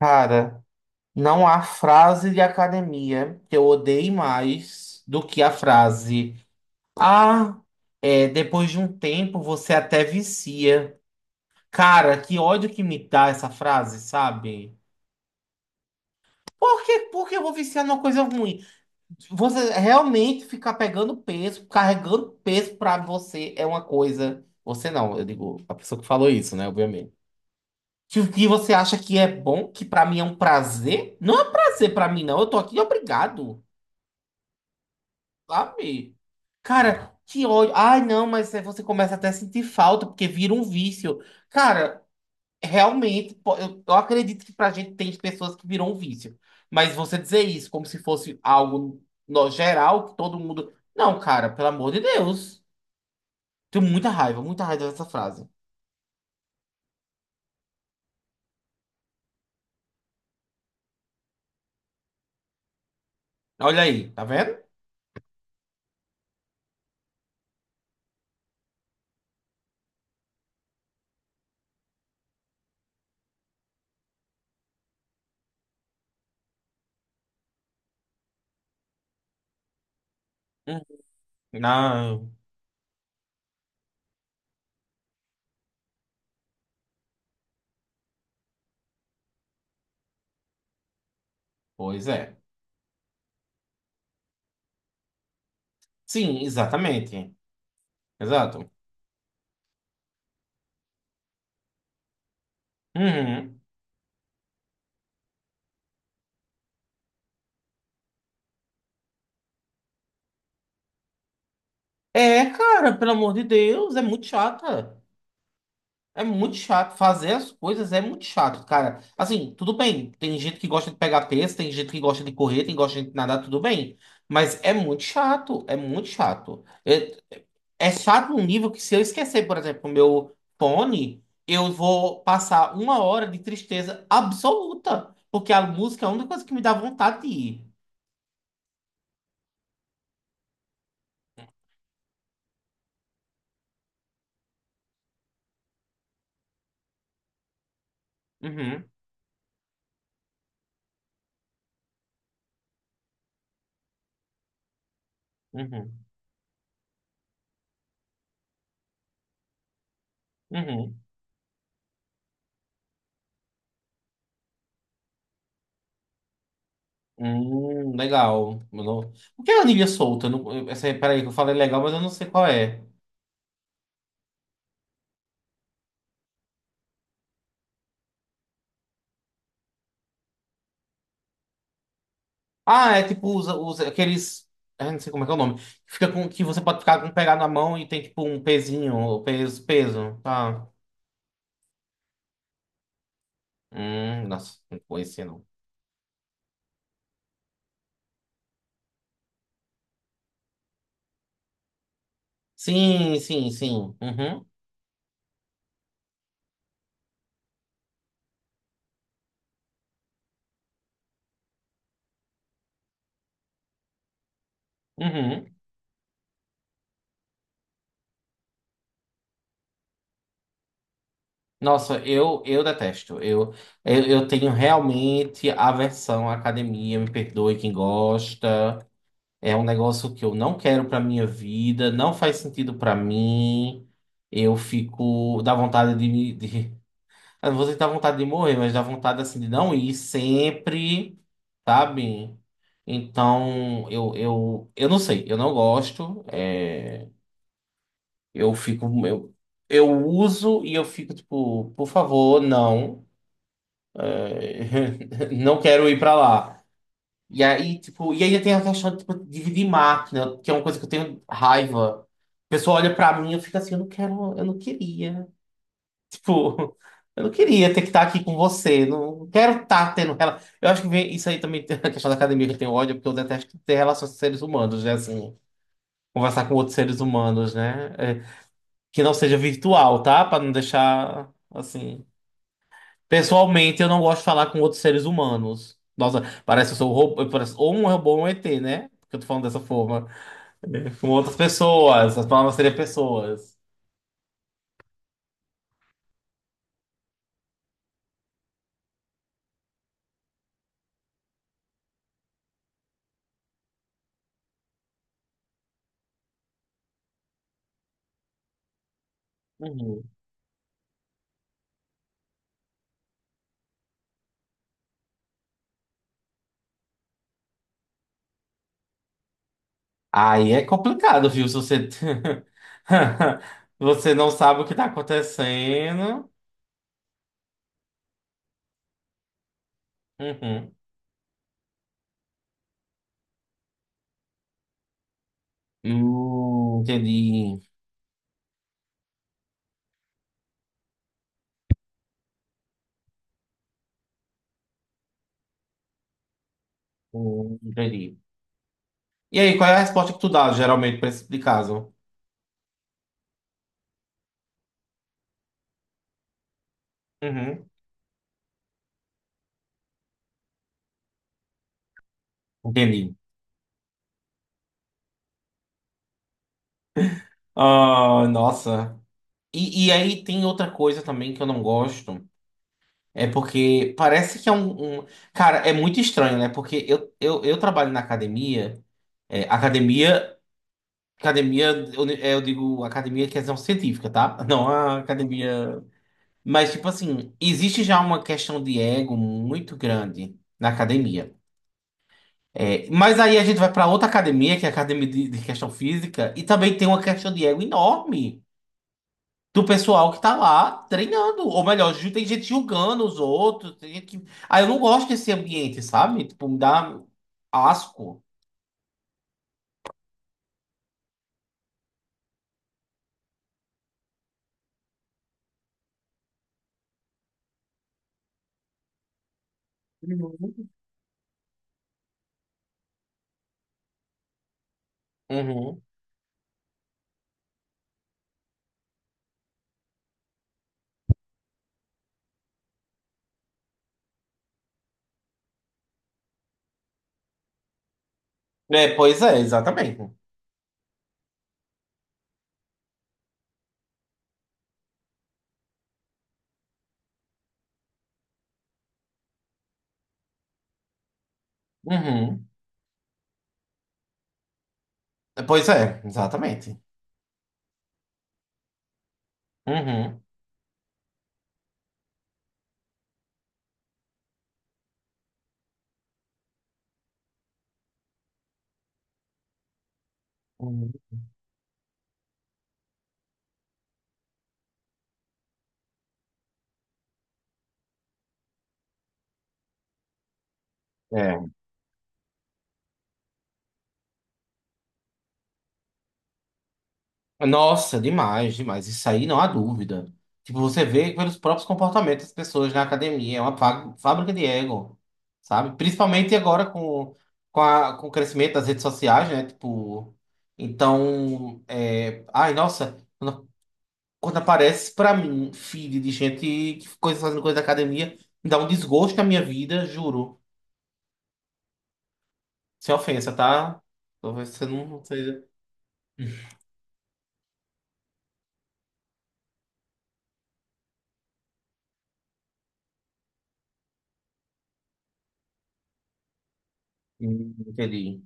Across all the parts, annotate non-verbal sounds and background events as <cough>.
Cara, não há frase de academia que eu odeie mais do que a frase. Ah, é, depois de um tempo você até vicia. Cara, que ódio que me dá essa frase, sabe? Por que eu vou viciar numa coisa ruim? Você realmente ficar pegando peso, carregando peso pra você é uma coisa. Você não, eu digo, a pessoa que falou isso, né, obviamente. Que você acha que é bom, que pra mim é um prazer? Não é um prazer pra mim, não. Eu tô aqui obrigado. Sabe? Cara, que ódio. Ai, não, mas aí você começa até a sentir falta, porque vira um vício. Cara, realmente, eu acredito que pra gente tem pessoas que viram um vício. Mas você dizer isso como se fosse algo no geral, que todo mundo. Não, cara, pelo amor de Deus. Tenho muita raiva dessa frase. Olha aí, tá vendo? Hum. Não. Pois é. Sim, exatamente. Exato. Uhum. É, cara, pelo amor de Deus, é muito chata. É muito chato. Fazer as coisas é muito chato, cara. Assim, tudo bem. Tem gente que gosta de pegar peso, tem gente que gosta de correr, tem gosta de nadar, tudo bem. Mas é muito chato. É muito chato. É chato num nível que se eu esquecer, por exemplo, o meu fone, eu vou passar uma hora de tristeza absoluta. Porque a música é a única coisa que me dá vontade de ir. Uhum, uhum, uhum. Legal. Eu não- O que é a anilha solta? Eu não- eu- essa- Peraí, que eu falei legal, mas eu não sei qual é. Ah, é tipo usa aqueles. Eu não sei como é que é o nome. Que fica com, que você pode ficar com pegar na mão e tem tipo um pezinho, ou peso, peso, tá? Nossa, não conhecia não. Sim, sim, sim. Uhum, uhum. Nossa, eu detesto. Eu tenho realmente aversão à academia, me perdoe quem gosta. É um negócio que eu não quero pra minha vida, não faz sentido pra mim. Eu fico, dá vontade de eu não vou sentir vontade de morrer, mas dá vontade assim de não ir sempre, sabe? Então, eu não sei, eu não gosto. Eu fico. Eu uso e eu fico tipo, por favor, não. <laughs> Não quero ir pra lá. E aí, tipo, e ainda tem a questão de tipo, dividir máquina, que é uma coisa que eu tenho raiva. A pessoa olha pra mim e eu fico assim, eu não quero, eu não queria. Tipo, eu não queria ter que estar aqui com você. Não quero estar tendo rela... Eu acho que isso aí também tem a questão da academia que eu tenho ódio, porque eu detesto ter relações com seres humanos, né? Assim, conversar com outros seres humanos, né? É, que não seja virtual, tá? Pra não deixar assim. Pessoalmente, eu não gosto de falar com outros seres humanos. Nossa, parece que eu sou um robô, parece, ou um robô ou um ET, né? Porque eu tô falando dessa forma. <laughs> Com outras pessoas, as palavras seriam pessoas. Uhum. Aí é complicado, viu? Se você, <laughs> você não sabe o que tá acontecendo. Uhum. Entendi. Entendi. E aí, qual é a resposta que tu dá geralmente pra esse tipo de caso? Uhum. Entendi. Ah, nossa. E aí tem outra coisa também que eu não gosto. É porque parece que é um- Cara, é muito estranho, né? Porque eu trabalho na academia. É, academia. Academia, eu digo academia questão científica, tá? Não a academia. Mas, tipo assim, existe já uma questão de ego muito grande na academia. É, mas aí a gente vai pra outra academia, que é a academia de questão física, e também tem uma questão de ego enorme do pessoal que tá lá treinando. Ou melhor, ju- tem gente julgando os outros. Tem gente que... Ah, eu não gosto desse ambiente, sabe? Tipo, me dá asco. Uhum. É, pois é, exatamente. Uhum. É, pois é, exatamente. Uhum, uhum. É. Nossa, demais, demais. Isso aí não há dúvida. Tipo, você vê pelos próprios comportamentos das pessoas na academia. É uma fábrica de ego, sabe? Principalmente agora com, com o crescimento das redes sociais, né? Tipo, então, é... Ai, nossa, quando aparece pra mim feed de gente que coisa, fazendo coisa da academia, me dá um desgosto na minha vida, juro. Sem ofensa, tá? Talvez você não seja... entendi.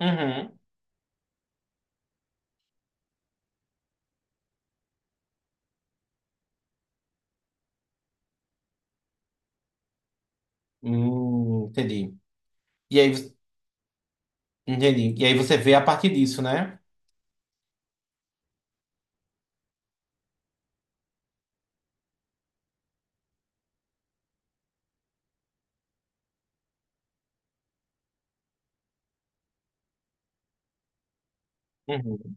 Uhum. Entendi. E aí, entendi. E aí você vê a partir disso, né? Uhum.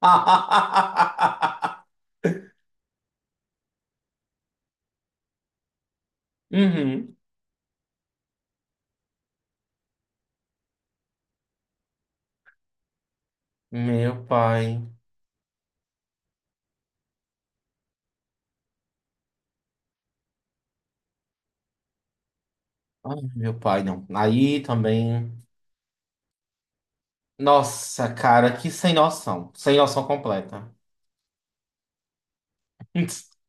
<laughs> Uhum. Meu pai. Ai, meu pai, não. Aí também. Nossa, cara, que sem noção. Sem noção completa. <laughs>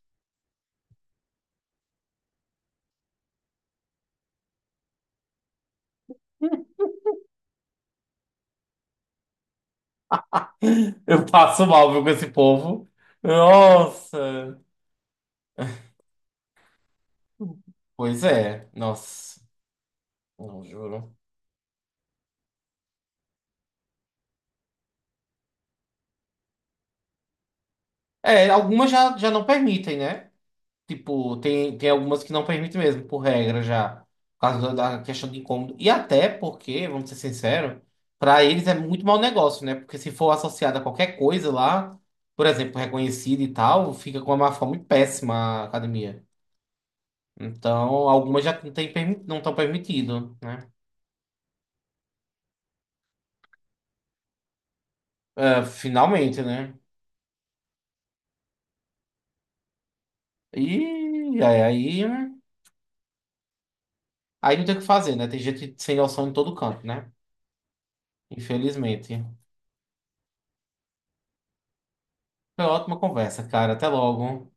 Eu passo mal, viu, com esse povo. Nossa. Pois é. Nossa. Não, juro. É, algumas já, já não permitem, né? Tipo, tem, tem algumas que não permitem mesmo, por regra já. Por causa da da questão de incômodo. E até porque, vamos ser sinceros, para eles é muito mau negócio, né? Porque se for associado a qualquer coisa lá, por exemplo, reconhecida e tal, fica com uma má fama muito péssima a academia. Então, algumas já não tem, não estão permitidas, né? É, finalmente, né? E aí, aí, aí não tem o que fazer, né? Tem gente sem noção em todo canto, né? Infelizmente. Foi uma ótima conversa, cara. Até logo.